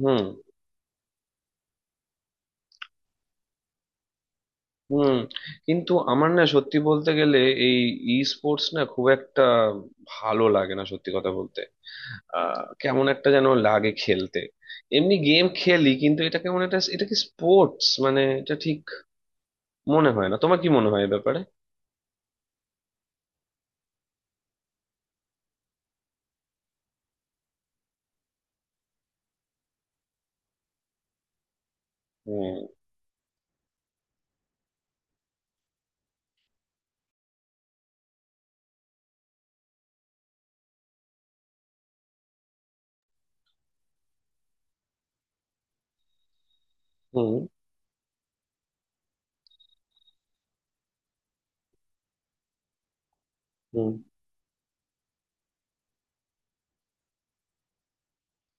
হুম হুম কিন্তু আমার না সত্যি বলতে গেলে এই ই স্পোর্টস না খুব একটা ভালো লাগে না সত্যি কথা বলতে। কেমন একটা যেন লাগে খেলতে। এমনি গেম খেলি কিন্তু এটা কেমন একটা, এটা কি স্পোর্টস, মানে এটা ঠিক মনে হয় না। তোমার কি মনে হয় এ ব্যাপারে? হুম হুম হুম।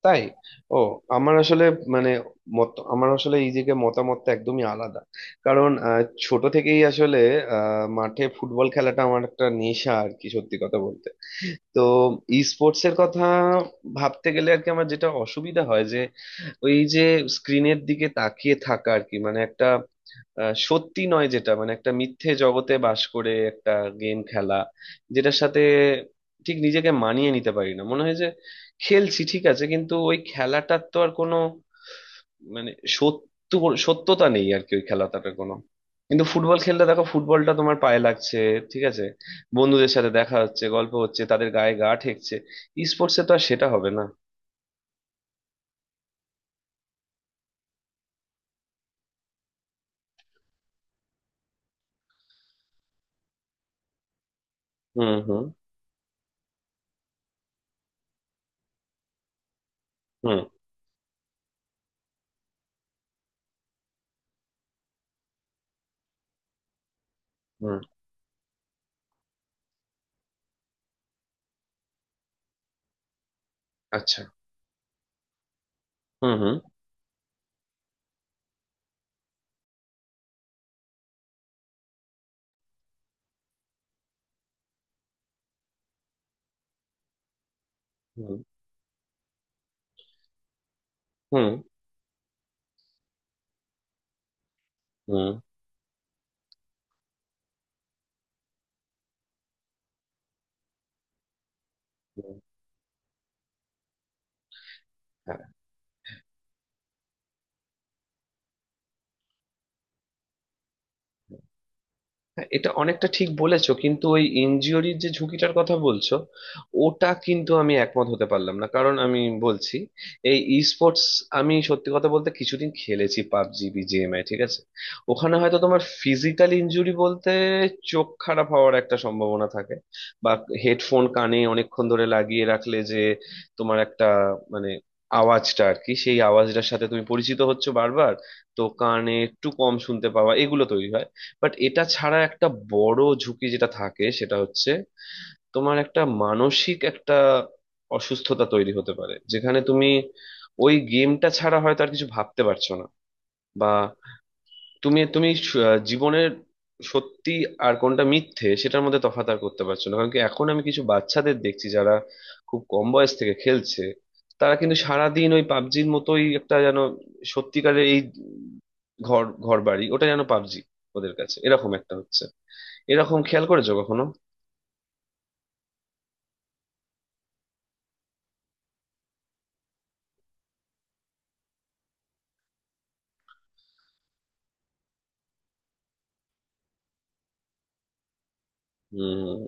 তাই? ও। আমার আসলে মানে আমার আসলে এই দিকে মতামতটা একদমই আলাদা। কারণ ছোট থেকেই আসলে মাঠে ফুটবল খেলাটা আমার একটা নেশা, আর কি সত্যি কথা বলতে। তো ই স্পোর্টস এর কথা ভাবতে গেলে আর কি আমার যেটা অসুবিধা হয় যে, ওই যে স্ক্রিনের দিকে তাকিয়ে থাকা আর কি, মানে একটা সত্যি নয় যেটা, মানে একটা মিথ্যে জগতে বাস করে একটা গেম খেলা, যেটার সাথে ঠিক নিজেকে মানিয়ে নিতে পারি না মনে হয়। খেলছি ঠিক আছে, কিন্তু ওই খেলাটার তো আর কোনো, মানে সত্য সত্যতা নেই আর কি ওই খেলাটার কোনো। কিন্তু ফুটবল খেললে দেখো, ফুটবলটা তোমার পায়ে লাগছে, ঠিক আছে, বন্ধুদের সাথে দেখা হচ্ছে, গল্প হচ্ছে, তাদের গায়ে গা ঠেকছে। স্পোর্টসে তো আর সেটা হবে না। হুম হুম হুম হুম আচ্ছা হুম হুম হুম হুম হুম হুম হ্যাঁ। হ্যাঁ, এটা অনেকটা ঠিক বলেছো, কিন্তু ওই ইনজিওরির যে ঝুঁকিটার কথা বলছো, ওটা কিন্তু আমি একমত হতে পারলাম না। কারণ আমি বলছি এই ই স্পোর্টস, আমি সত্যি কথা বলতে কিছুদিন খেলেছি পাবজি বিজিএমআই, ঠিক আছে। ওখানে হয়তো তোমার ফিজিক্যাল ইনজুরি বলতে চোখ খারাপ হওয়ার একটা সম্ভাবনা থাকে, বা হেডফোন কানে অনেকক্ষণ ধরে লাগিয়ে রাখলে যে তোমার একটা, মানে আওয়াজটা আর কি, সেই আওয়াজটার সাথে তুমি পরিচিত হচ্ছো বারবার, তো কানে একটু কম শুনতে পাওয়া, এগুলো তৈরি হয়। বাট এটা ছাড়া একটা বড় ঝুঁকি যেটা থাকে, সেটা হচ্ছে তোমার একটা মানসিক একটা অসুস্থতা তৈরি হতে পারে, যেখানে তুমি ওই গেমটা ছাড়া হয়তো আর কিছু ভাবতে পারছো না। বা তুমি তুমি জীবনের সত্যি আর কোনটা মিথ্যে সেটার মধ্যে তফাৎ আর করতে পারছো না। কারণ কি, এখন আমি কিছু বাচ্চাদের দেখছি যারা খুব কম বয়স থেকে খেলছে, তারা কিন্তু সারাদিন ওই পাবজির মতোই একটা যেন সত্যিকারের এই ঘর ঘর বাড়ি ওটা যেন পাবজি ওদের কাছে, এরকম একটা হচ্ছে। এরকম খেয়াল করেছো কখনো? হুম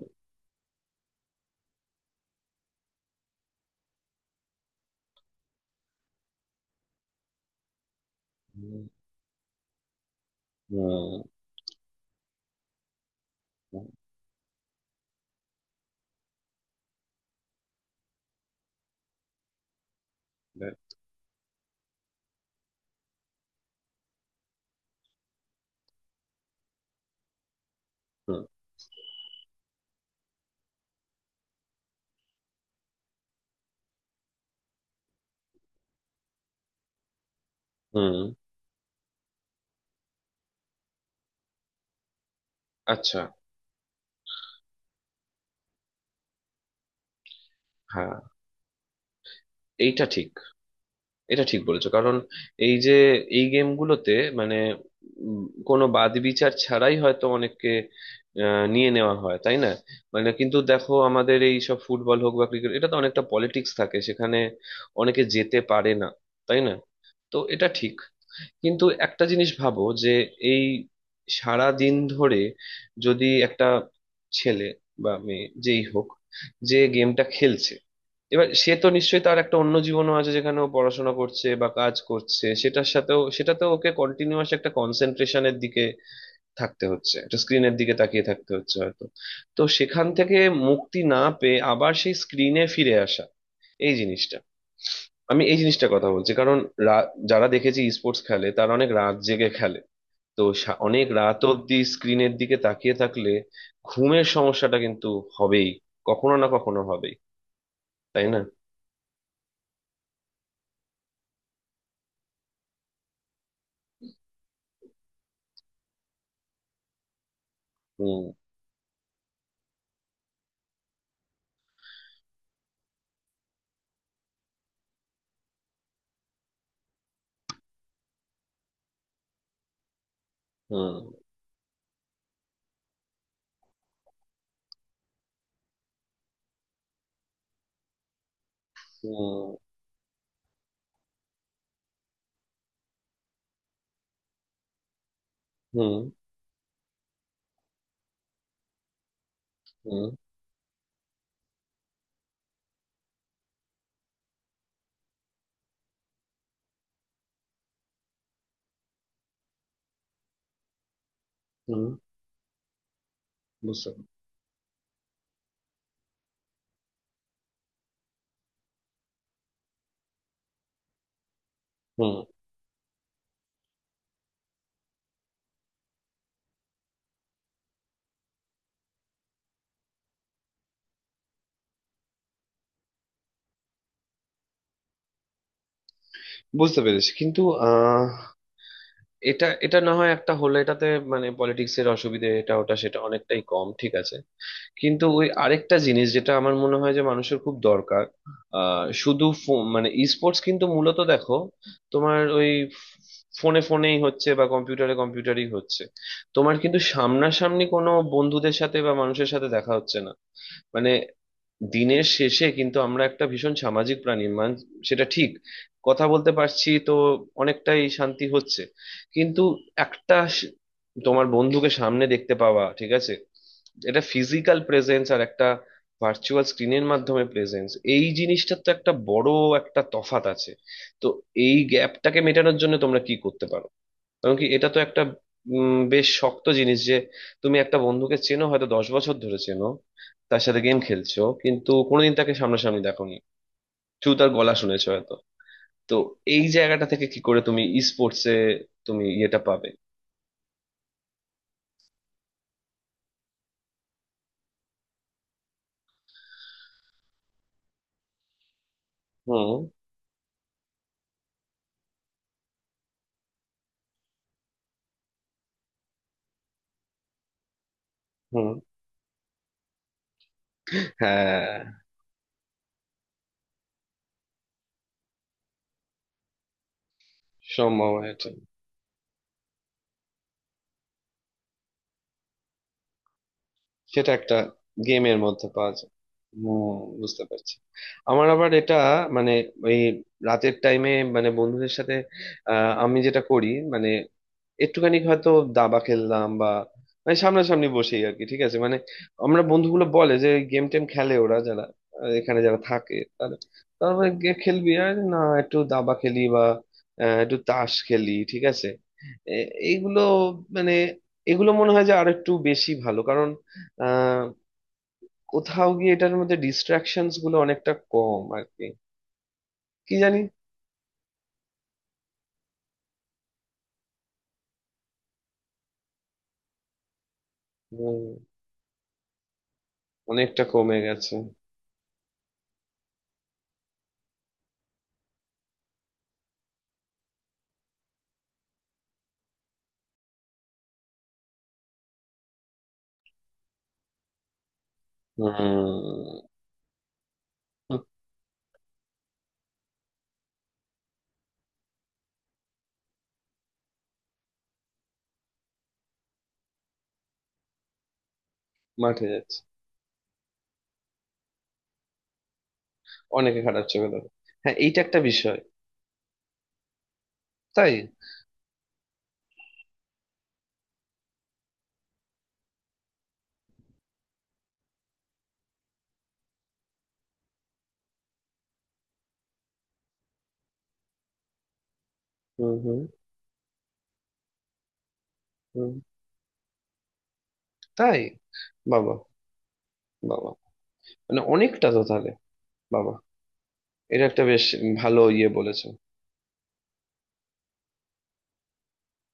হুম হুম হুম হুম, আচ্ছা, হ্যাঁ এইটা ঠিক। এটা ঠিক বলেছো, কারণ এই যে এই গেমগুলোতে, মানে উম, কোনো বাদ বিচার ছাড়াই হয়তো অনেককে নিয়ে নেওয়া হয়, তাই না? মানে কিন্তু দেখো, আমাদের এই সব ফুটবল হোক বা ক্রিকেট, এটা তো অনেকটা পলিটিক্স থাকে সেখানে, অনেকে যেতে পারে না, তাই না? তো এটা ঠিক। কিন্তু একটা জিনিস ভাবো যে, এই সারা দিন ধরে যদি একটা ছেলে বা মেয়ে যেই হোক, যে গেমটা খেলছে, এবার সে তো নিশ্চয়ই তার একটা অন্য জীবনও আছে, যেখানে ও পড়াশোনা করছে বা কাজ করছে, সেটার সাথেও সেটাতেও ওকে কন্টিনিউয়াস একটা কনসেন্ট্রেশনের দিকে থাকতে হচ্ছে, একটা স্ক্রিনের দিকে তাকিয়ে থাকতে হচ্ছে হয়তো। তো সেখান থেকে মুক্তি না পেয়ে আবার সেই স্ক্রিনে ফিরে আসা, এই জিনিসটা, আমি এই জিনিসটার কথা বলছি। কারণ যারা দেখেছি স্পোর্টস খেলে, তারা অনেক রাত জেগে খেলে। তো অনেক রাত অব্দি স্ক্রিনের দিকে তাকিয়ে থাকলে ঘুমের সমস্যাটা কিন্তু হবেই, কখনো না কখনো হবেই, তাই না? হুম হুম হুম হুম হুম হুম বুঝতে হুম বুঝতে পেরেছি কিন্তু আহ এটা এটা না হয় একটা হলে এটাতে, মানে পলিটিক্স এর অসুবিধে এটা ওটা সেটা অনেকটাই কম ঠিক আছে। কিন্তু ওই আরেকটা জিনিস যেটা আমার মনে হয় যে মানুষের খুব দরকার, মানে স্পোর্টস কিন্তু মূলত দেখো, তোমার ওই ফোনে ফোনেই হচ্ছে বা কম্পিউটারে কম্পিউটারই হচ্ছে, তোমার কিন্তু সামনাসামনি কোনো বন্ধুদের সাথে বা মানুষের সাথে দেখা হচ্ছে না। মানে দিনের শেষে কিন্তু আমরা একটা ভীষণ সামাজিক প্রাণী সেটা ঠিক, কথা বলতে পারছি তো অনেকটাই শান্তি হচ্ছে। কিন্তু একটা স- তোমার বন্ধুকে সামনে দেখতে পাওয়া ঠিক আছে, এটা ফিজিক্যাল প্রেজেন্স, আর একটা ভার্চুয়াল স্ক্রিনের মাধ্যমে প্রেজেন্স, এই জিনিসটার তো একটা বড় একটা তফাৎ আছে। তো এই গ্যাপটাকে মেটানোর জন্য তোমরা কি করতে পারো? কারণ কি এটা তো একটা বেশ শক্ত জিনিস যে, তুমি একটা বন্ধুকে চেনো হয়তো 10 বছর ধরে চেনো, তার সাথে গেম খেলছো কিন্তু কোনোদিন তাকে সামনাসামনি দেখোনি, শুধু তার গলা শুনেছো হয়তো। তো এই জায়গাটা থেকে কি করে তুমি ই স্পোর্টসে, তুমি ইয়েটা পাবে? হুম হুম হ্যাঁ। সম্ভাবনা এটা, সেটা একটা গেমের মধ্যে পাওয়া যায়। হুম, বুঝতে পারছি। আমার আবার এটা, মানে ওই রাতের টাইমে, মানে বন্ধুদের সাথে, আমি যেটা করি, মানে একটুখানি হয়তো দাবা খেললাম বা, মানে সামনাসামনি বসেই আর কি, ঠিক আছে। মানে আমরা বন্ধুগুলো বলে যে গেম টেম খেলে ওরা যারা এখানে যারা থাকে তারা, তারপরে খেলবি আর না, একটু দাবা খেলি বা একটু তাস খেলি, ঠিক আছে। এইগুলো, মানে এগুলো মনে হয় যে আর একটু বেশি ভালো কারণ আহ কোথাও গিয়ে এটার মধ্যে ডিস্ট্রাকশনস গুলো অনেকটা কম আর কি, কি জানি। হুম, অনেকটা কমে গেছে। হুম মাঠে যাচ্ছে অনেকে খারাপ চোখে দেখে। হ্যাঁ এইটা একটা বিষয়। তাই? হুম হুম হুম। তাই? বাবা। বাবা, মানে অনেকটা তো তাহলে। বাবা, এটা একটা বেশ ভালো ইয়ে বলেছে।